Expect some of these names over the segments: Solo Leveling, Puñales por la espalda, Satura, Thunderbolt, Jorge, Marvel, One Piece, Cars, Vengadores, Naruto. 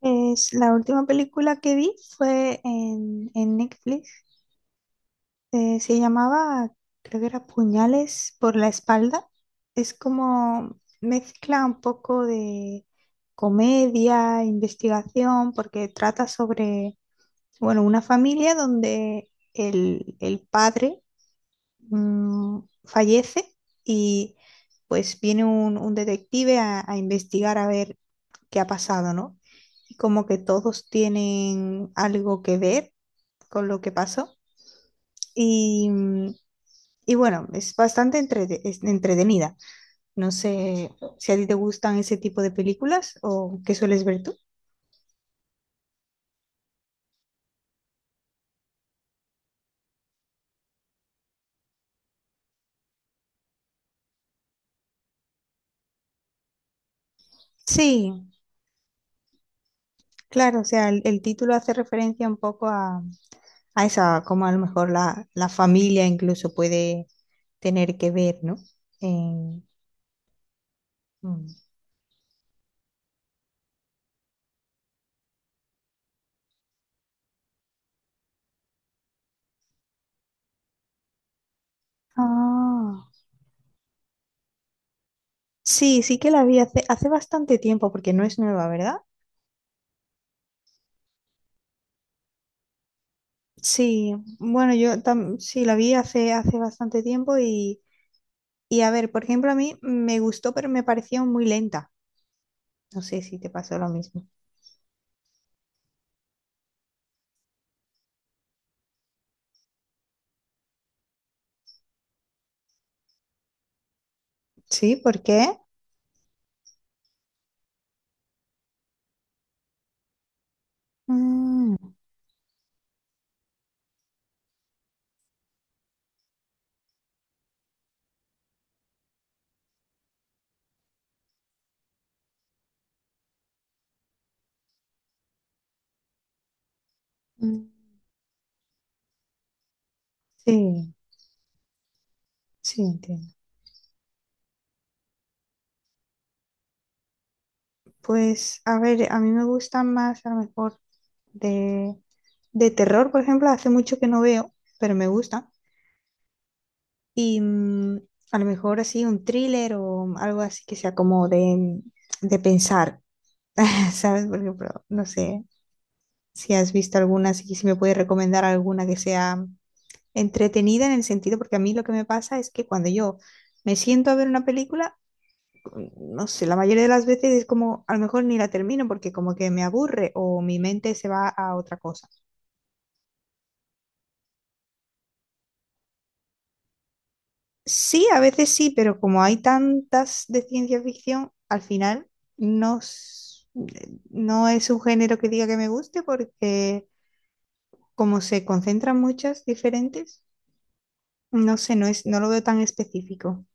La última película que vi fue en Netflix. Eh, se llamaba, Creo que era Puñales por la espalda. Es como mezcla un poco de comedia, investigación, porque trata sobre, bueno, una familia donde el padre fallece y pues viene un detective a investigar a ver qué ha pasado, ¿no? Y como que todos tienen algo que ver con lo que pasó. Y, mm, y bueno, es es entretenida. No sé si a ti te gustan ese tipo de películas o qué sueles ver tú. Sí, claro, o sea, el título hace referencia un poco a esa, como a lo mejor la familia incluso puede tener que ver, ¿no? En- mm. Ah, sí, sí que la vi hace bastante tiempo porque no es nueva, ¿verdad? Sí, bueno, sí la vi hace bastante tiempo y a ver, por ejemplo, a mí me gustó, pero me pareció muy lenta. No sé si te pasó lo mismo. Sí, ¿por qué? Mm, mm. Sí, sí, entiendo. Pues, a ver, a mí me gustan más, a lo mejor, de, de terror, por ejemplo, hace mucho que no veo, pero me gusta. Y mm, a lo mejor así un thriller o algo así que sea como de pensar, ¿sabes? Por ejemplo, no sé si has visto alguna, si me puedes recomendar alguna que sea entretenida en el sentido, porque a mí lo que me pasa es que cuando yo me siento a ver una película, no sé, la mayoría de las veces es como, a lo mejor ni la termino porque como que me aburre o mi mente se va a otra cosa. Sí, a veces sí, pero como hay tantas de ciencia ficción, al final no, s- no es un género que diga que me guste porque como se concentran muchas diferentes, no sé, no es, no lo veo tan específico.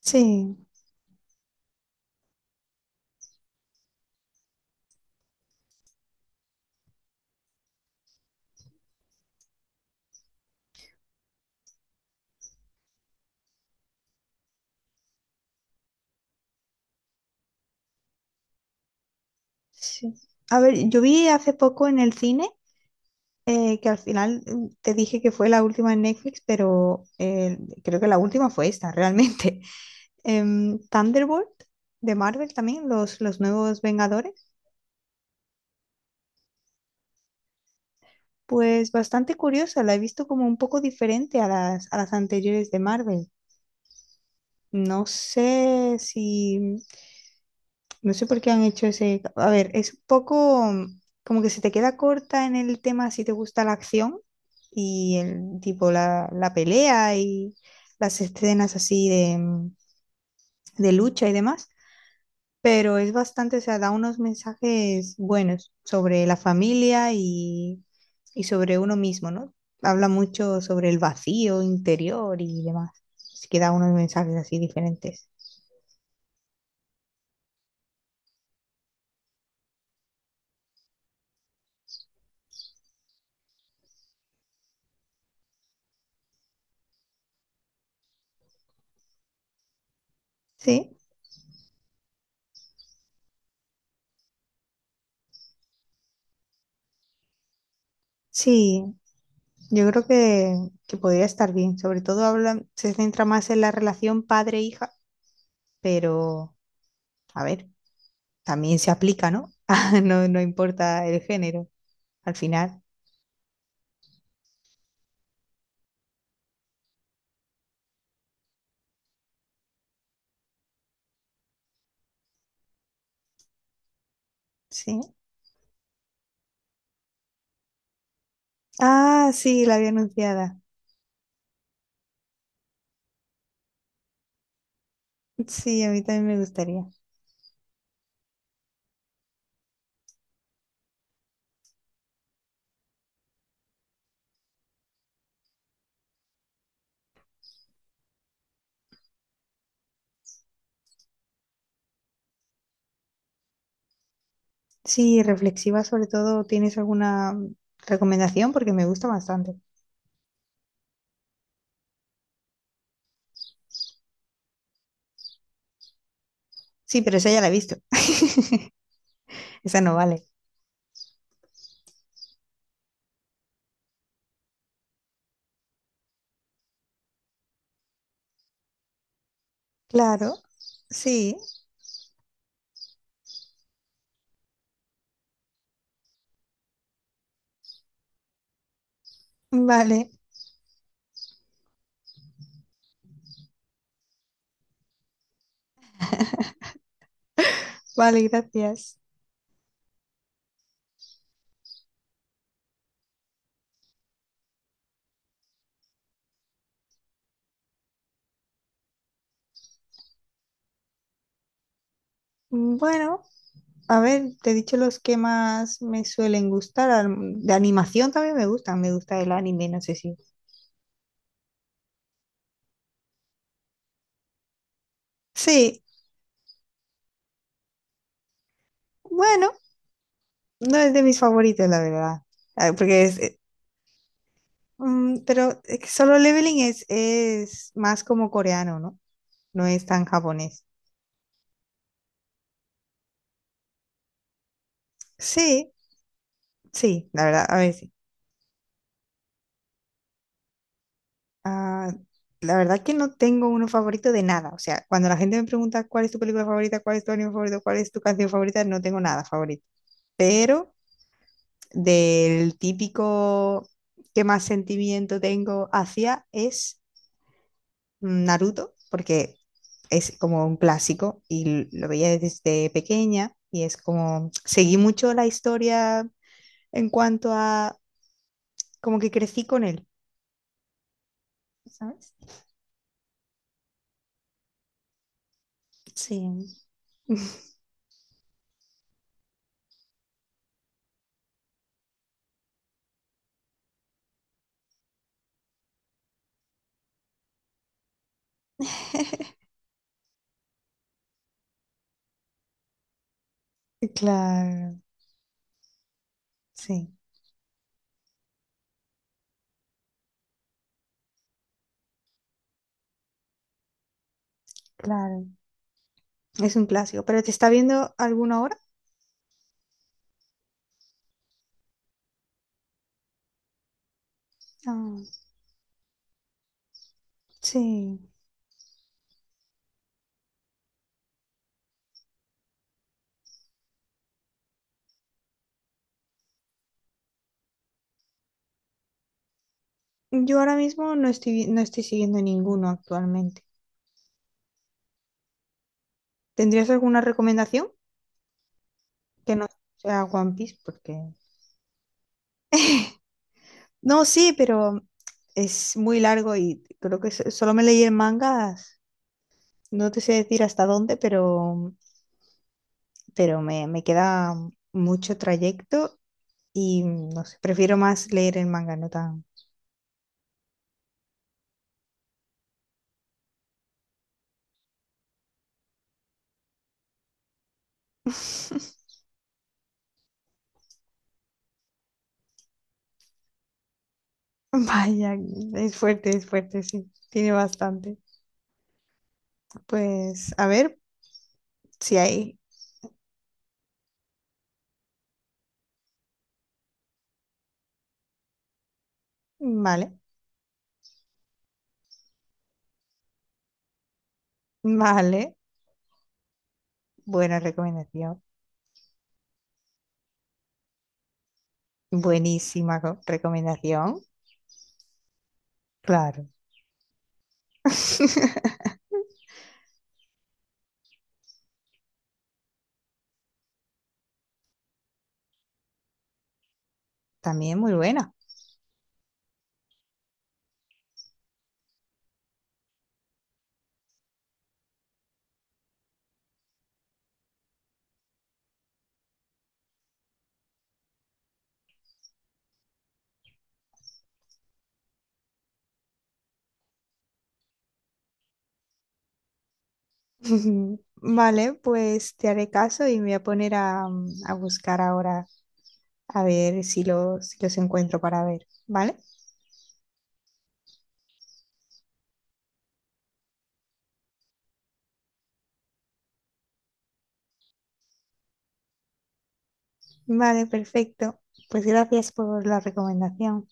Sí, sí. A ver, yo vi hace poco en el cine que al final te dije que fue la última en Netflix, pero creo que la última fue esta, realmente. Thunderbolt de Marvel también, los nuevos Vengadores. Pues bastante curiosa, la he visto como un poco diferente a a las anteriores de Marvel. No sé si, No sé por qué han hecho ese. A ver, es un poco como que se te queda corta en el tema si te gusta la acción y el tipo la pelea y las escenas así de de lucha y demás, pero es bastante, o sea, da unos mensajes buenos sobre la familia y sobre uno mismo, ¿no? Habla mucho sobre el vacío interior y demás. Así que da unos mensajes así diferentes. Sí, sí, yo creo que podría estar bien. Sobre todo habla, se centra más en la relación padre-hija, pero a ver, también se aplica, ¿no? Ah, no, no importa el género, al final. Sí. Ah, sí, la había anunciada. Sí, a mí también me gustaría. Sí, reflexiva sobre todo, ¿tienes alguna recomendación? Porque me gusta bastante. Sí, pero esa ya la he visto. Esa no vale. Claro, sí, vale, vale, gracias. Bueno. A ver, te he dicho los que más me suelen gustar. De animación también me gustan. Me gusta el anime, no sé si. Sí, bueno, no es de mis favoritos, la verdad. Ah, porque es. Pero es que Solo Leveling es más como coreano, ¿no? No es tan japonés. Sí, sí, la verdad, a ver, sí. Ah, la verdad que no tengo uno favorito de nada. O sea, cuando la gente me pregunta cuál es tu película favorita, cuál es tu anime favorito, cuál es tu canción favorita, no tengo nada favorito. Pero. Del típico que más sentimiento tengo hacia es Naruto, porque es como un clásico y lo veía desde pequeña y es como seguí mucho la historia en cuanto a como que crecí con él, ¿sabes? Sí. Claro, sí, claro. Es un clásico, pero ¿te está viendo alguna ahora? Ah, sí. Yo ahora mismo no estoy siguiendo ninguno actualmente. ¿Tendrías alguna recomendación? Que no sea One Piece, porque. No, sí, pero es muy largo y creo que solo me leí el manga, no te sé decir hasta dónde, pero me queda mucho trayecto y no sé, prefiero más leer el manga, no tan. Vaya, es fuerte, sí, tiene bastante. Pues a ver si hay. Vale, vale, buena recomendación, recomendación, claro. También muy buena. Vale, pues te haré caso y me voy a poner a a buscar ahora a ver si si los encuentro para ver. ¿Vale? Vale, perfecto. Pues gracias por la recomendación.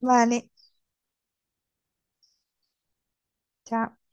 Vale, chao.